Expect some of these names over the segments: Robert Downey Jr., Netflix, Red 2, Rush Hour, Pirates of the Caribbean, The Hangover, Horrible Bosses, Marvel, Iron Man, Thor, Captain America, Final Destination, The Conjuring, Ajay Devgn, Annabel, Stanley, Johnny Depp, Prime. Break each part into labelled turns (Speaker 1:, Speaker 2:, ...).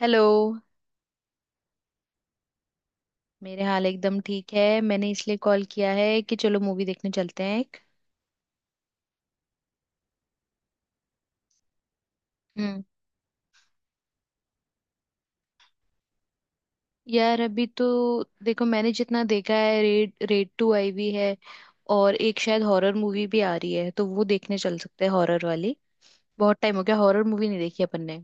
Speaker 1: Hello. मेरे हाल एकदम ठीक है। मैंने इसलिए कॉल किया है कि चलो मूवी देखने चलते हैं एक। हम्म। यार अभी तो देखो मैंने जितना देखा है रेड, रेड टू आई हुई है, और एक शायद हॉरर मूवी भी आ रही है, तो वो देखने चल सकते हैं हॉरर वाली। बहुत टाइम हो गया हॉरर मूवी नहीं देखी अपन ने।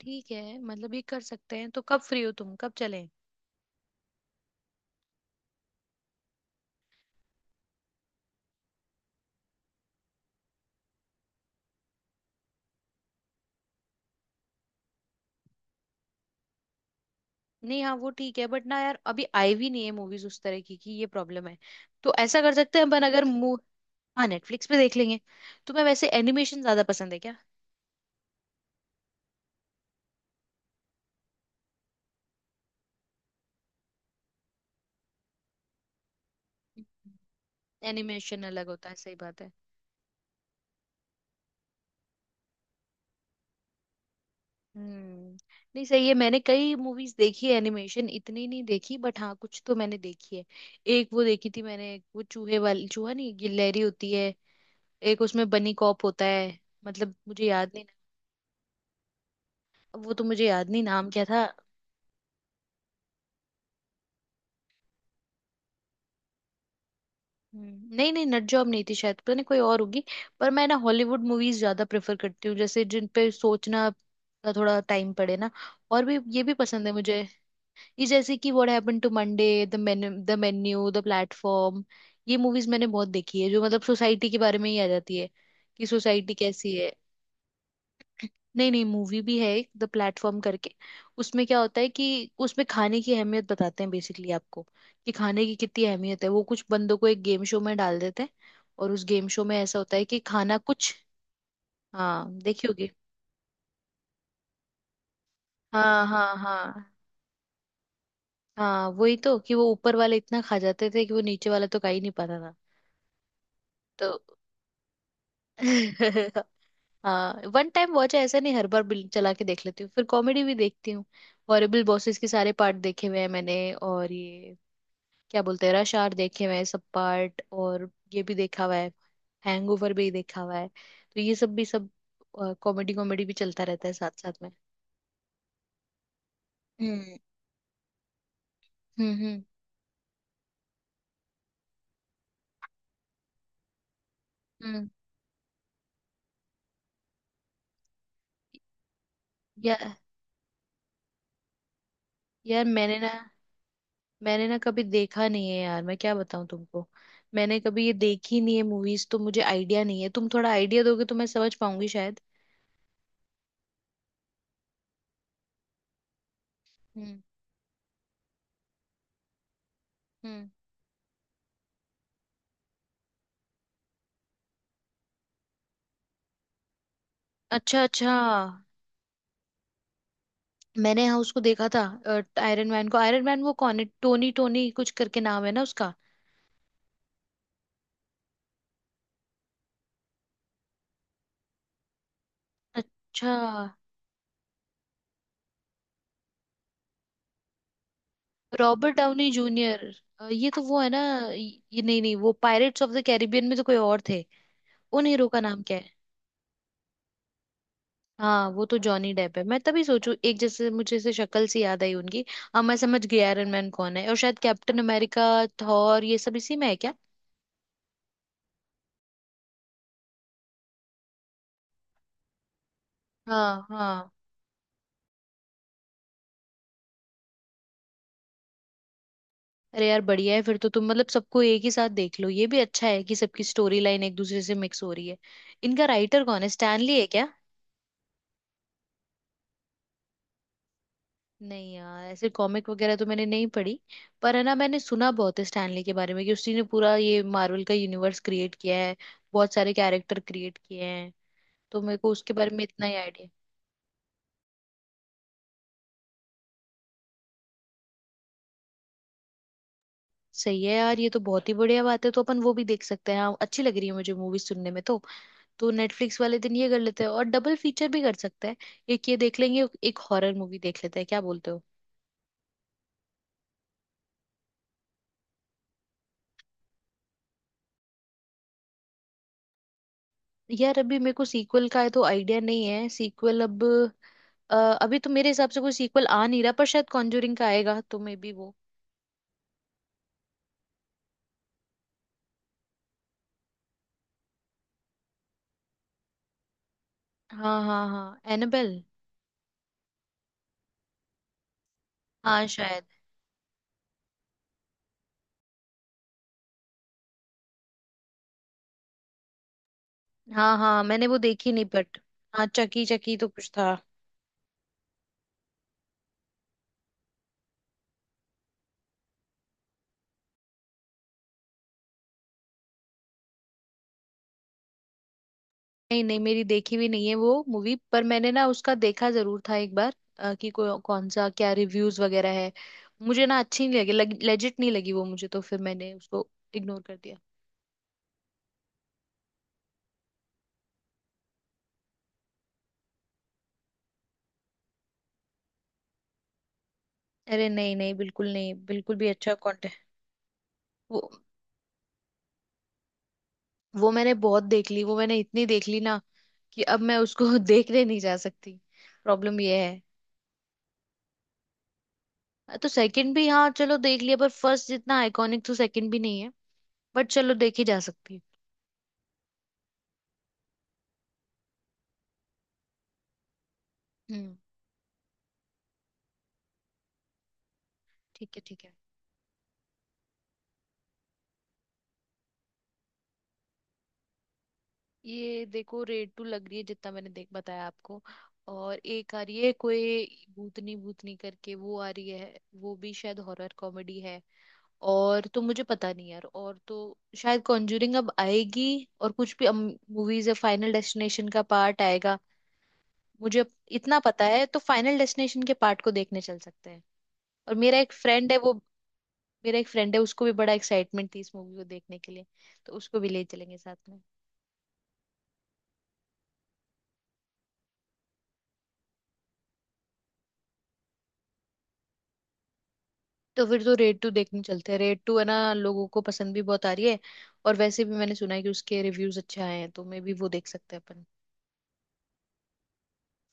Speaker 1: ठीक है, मतलब ये कर सकते हैं। तो कब फ्री हो तुम, कब चलें? नहीं, हाँ वो ठीक है, बट ना यार अभी आई भी नहीं है मूवीज उस तरह की कि, ये प्रॉब्लम है। तो ऐसा कर सकते हैं अपन, अगर मू। हाँ नेटफ्लिक्स पे देख लेंगे। तुम्हें वैसे एनिमेशन ज्यादा पसंद है क्या? एनिमेशन अलग होता है, सही बात है। हम्म। नहीं सही है, मैंने कई मूवीज देखी है, एनिमेशन इतनी नहीं देखी बट हाँ कुछ तो मैंने देखी है। एक वो देखी थी मैंने, वो चूहे वाली, चूहा नहीं गिलहरी होती है। एक उसमें बनी कॉप होता है। मतलब मुझे याद नहीं। वो तो मुझे याद नहीं नाम क्या था। नहीं नहीं, नट जॉब नहीं थी शायद, पता नहीं कोई और होगी। पर मैं ना हॉलीवुड मूवीज ज्यादा प्रेफर करती हूँ, जैसे जिन पे सोचना का थोड़ा टाइम पड़े ना, और भी, ये भी पसंद है मुझे। ये जैसे कि what happened to Monday, the menu, the menu, the platform. ये मूवीज मैंने बहुत देखी है जो मतलब सोसाइटी के बारे में ही आ जाती है कि सोसाइटी कैसी है। नहीं नहीं, मूवी भी है एक द प्लेटफॉर्म करके। उसमें क्या होता है कि उसमें खाने की अहमियत बताते हैं बेसिकली आपको, कि खाने की कितनी अहमियत है। वो कुछ बंदों को एक गेम शो में डाल देते हैं, और उस गेम शो में ऐसा होता है कि खाना कुछ। हाँ देखी होगी। हाँ हाँ हाँ। हाँ वही तो, कि वो ऊपर वाले इतना खा जाते थे कि वो नीचे वाला तो खा ही नहीं पाता था। तो हाँ वन टाइम वॉच है, ऐसा नहीं हर बार बिल चला के देख लेती हूँ। फिर कॉमेडी भी देखती हूँ। हॉरिबल बॉसेस के सारे पार्ट देखे हुए हैं मैंने, और ये, क्या बोलते हैं, रश आवर देखे हुए हैं सब पार्ट, और ये भी देखा हुआ है, हैंगओवर भी देखा हुआ है। तो ये सब भी, सब कॉमेडी, कॉमेडी भी चलता रहता है साथ साथ में। हम्म। हम्म। हम्म। या, यार मैंने ना, मैंने ना कभी देखा नहीं है यार, मैं क्या बताऊं तुमको। मैंने कभी ये देखी नहीं है मूवीज, तो मुझे आइडिया नहीं है। तुम थोड़ा आइडिया दोगे तो मैं समझ पाऊंगी शायद। हम्म। हम्म। अच्छा अच्छा। मैंने हाँ उसको देखा था, आयरन मैन को। आयरन मैन वो कौन है? टोनी, टोनी कुछ करके नाम है ना उसका? अच्छा। रॉबर्ट डाउनी जूनियर, ये तो वो है ना? ये नहीं नहीं, वो पायरेट्स ऑफ द कैरिबियन में तो कोई और थे। उन हीरो का नाम क्या है? हाँ वो तो जॉनी डेप है, मैं तभी सोचू एक जैसे मुझे से शक्ल सी याद आई उनकी। अब मैं समझ गई आयरन मैन कौन है। और शायद कैप्टन अमेरिका, थॉर ये सब इसी में है क्या? हाँ हाँ। अरे यार बढ़िया है फिर तो, तुम मतलब सबको एक ही साथ देख लो। ये भी अच्छा है कि सबकी स्टोरी लाइन एक दूसरे से मिक्स हो रही है। इनका राइटर कौन है, स्टैनली है क्या? नहीं यार ऐसे कॉमिक वगैरह तो मैंने नहीं पढ़ी। पर है ना, मैंने सुना बहुत है स्टैनली के बारे में, कि उसी ने पूरा ये मार्वल का यूनिवर्स क्रिएट किया है, बहुत सारे कैरेक्टर क्रिएट किए हैं। तो मेरे को उसके बारे में इतना ही आइडिया। सही है यार, ये तो बहुत ही बढ़िया बात है। तो अपन वो भी देख सकते हैं। हाँ अच्छी लग रही है मुझे मूवी सुनने में तो। तो नेटफ्लिक्स वाले दिन ये कर लेते हैं, और डबल फीचर भी कर सकते हैं। एक ये देख लेंगे, एक हॉरर मूवी देख लेते हैं, क्या बोलते हो? यार अभी मेरे को सीक्वल का है तो आइडिया नहीं है सीक्वल अब। अ, अभी तो मेरे हिसाब से कोई सीक्वल आ नहीं रहा, पर शायद कॉन्जूरिंग का आएगा तो मे बी वो। हाँ हाँ हाँ, एनाबेल। हाँ शायद। हाँ हाँ मैंने वो देखी नहीं बट, हाँ चकी, चकी तो कुछ था। नहीं नहीं, मेरी देखी भी नहीं है वो मूवी, पर मैंने ना उसका देखा जरूर था एक बार, कि कौन सा, क्या रिव्यूज वगैरह है। मुझे ना अच्छी नहीं लगी, लेजिट नहीं लगी वो मुझे, तो फिर मैंने उसको इग्नोर कर दिया। अरे नहीं नहीं बिल्कुल नहीं, बिल्कुल भी अच्छा कंटेंट। वो मैंने बहुत देख ली, वो मैंने इतनी देख ली ना कि अब मैं उसको देखने नहीं जा सकती, प्रॉब्लम ये है। तो सेकंड भी, हाँ चलो देख लिया, पर फर्स्ट जितना आइकॉनिक तो सेकंड भी नहीं है, बट चलो देखी जा सकती है। हम्म। ठीक है ठीक है। ये देखो रेड टू लग रही है, जितना मैंने देख बताया आपको। और एक आ रही है कोई भूतनी, भूतनी करके वो आ रही है, वो भी शायद हॉरर कॉमेडी है। और तो मुझे पता नहीं यार। और तो शायद कॉन्जूरिंग अब आएगी, और कुछ भी मूवीज है। फाइनल डेस्टिनेशन का पार्ट आएगा, मुझे इतना पता है। तो फाइनल डेस्टिनेशन के पार्ट को देखने चल सकते हैं। और मेरा एक फ्रेंड है वो, मेरा एक फ्रेंड है उसको भी बड़ा एक्साइटमेंट थी इस मूवी को देखने के लिए, तो उसको भी ले चलेंगे साथ में। तो फिर तो रेड टू देखने चलते हैं, रेड टू है ना लोगों को पसंद भी बहुत आ रही है, और वैसे भी मैंने सुना है कि उसके रिव्यूज अच्छे आए हैं। तो मे बी वो देख सकते हैं अपन।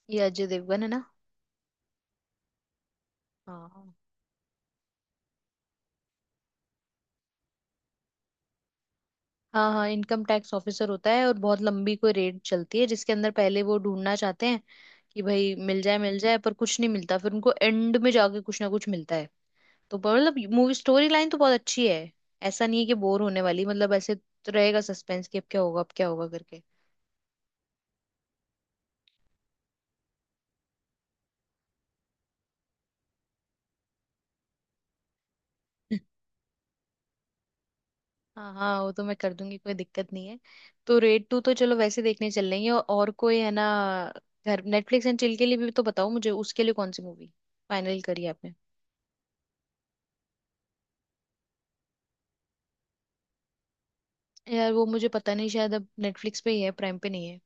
Speaker 1: ये अजय देवगन है ना। हाँ हाँ, हाँ इनकम टैक्स ऑफिसर होता है, और बहुत लंबी कोई रेड चलती है जिसके अंदर पहले वो ढूंढना चाहते हैं कि भाई मिल जाए मिल जाए, पर कुछ नहीं मिलता, फिर उनको एंड में जाके कुछ ना कुछ मिलता है। तो मतलब मूवी स्टोरी लाइन तो बहुत अच्छी है, ऐसा नहीं है कि बोर होने वाली। मतलब ऐसे तो रहेगा सस्पेंस कि अब क्या होगा करके। हाँ हाँ वो तो मैं कर दूंगी, कोई दिक्कत नहीं है। तो रेड टू तो चलो वैसे देखने चल लेंगे, और कोई है ना घर नेटफ्लिक्स एंड चिल के लिए भी, तो बताओ मुझे उसके लिए कौन सी मूवी फाइनल करी आपने। यार वो मुझे पता नहीं, शायद अब नेटफ्लिक्स पे ही है, प्राइम पे नहीं है।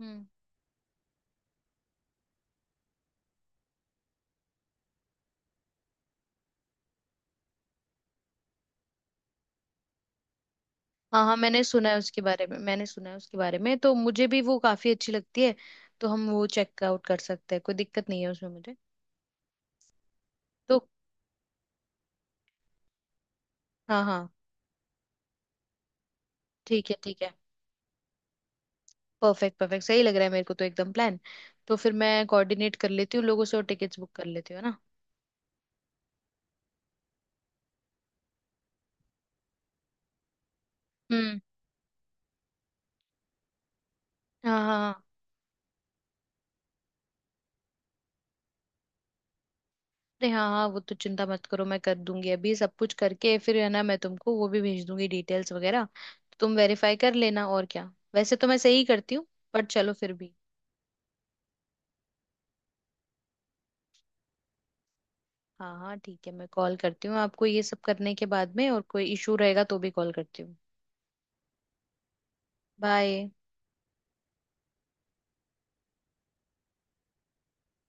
Speaker 1: हम्म। हाँ हाँ मैंने सुना है उसके बारे में, मैंने सुना है उसके बारे में, तो मुझे भी वो काफी अच्छी लगती है। तो हम वो चेकआउट कर सकते हैं, कोई दिक्कत नहीं है उसमें मुझे। तो हाँ हाँ, ठीक है ठीक है, परफेक्ट परफेक्ट, सही लग रहा है मेरे को तो एकदम प्लान। तो फिर मैं कोऑर्डिनेट कर लेती हूँ लोगों से, और टिकट्स बुक कर लेती हूँ, है ना। हम्म। हाँ हाँ हाँ। अरे हाँ हाँ वो तो चिंता मत करो, मैं कर दूंगी अभी सब कुछ करके, फिर है ना मैं तुमको वो भी भेज दूंगी डिटेल्स वगैरह, तो तुम वेरीफाई कर लेना और क्या। वैसे तो मैं सही करती हूँ, पर चलो फिर भी। हाँ हाँ ठीक है मैं कॉल करती हूँ आपको ये सब करने के बाद में, और कोई इशू रहेगा तो भी कॉल करती हूँ। बाय।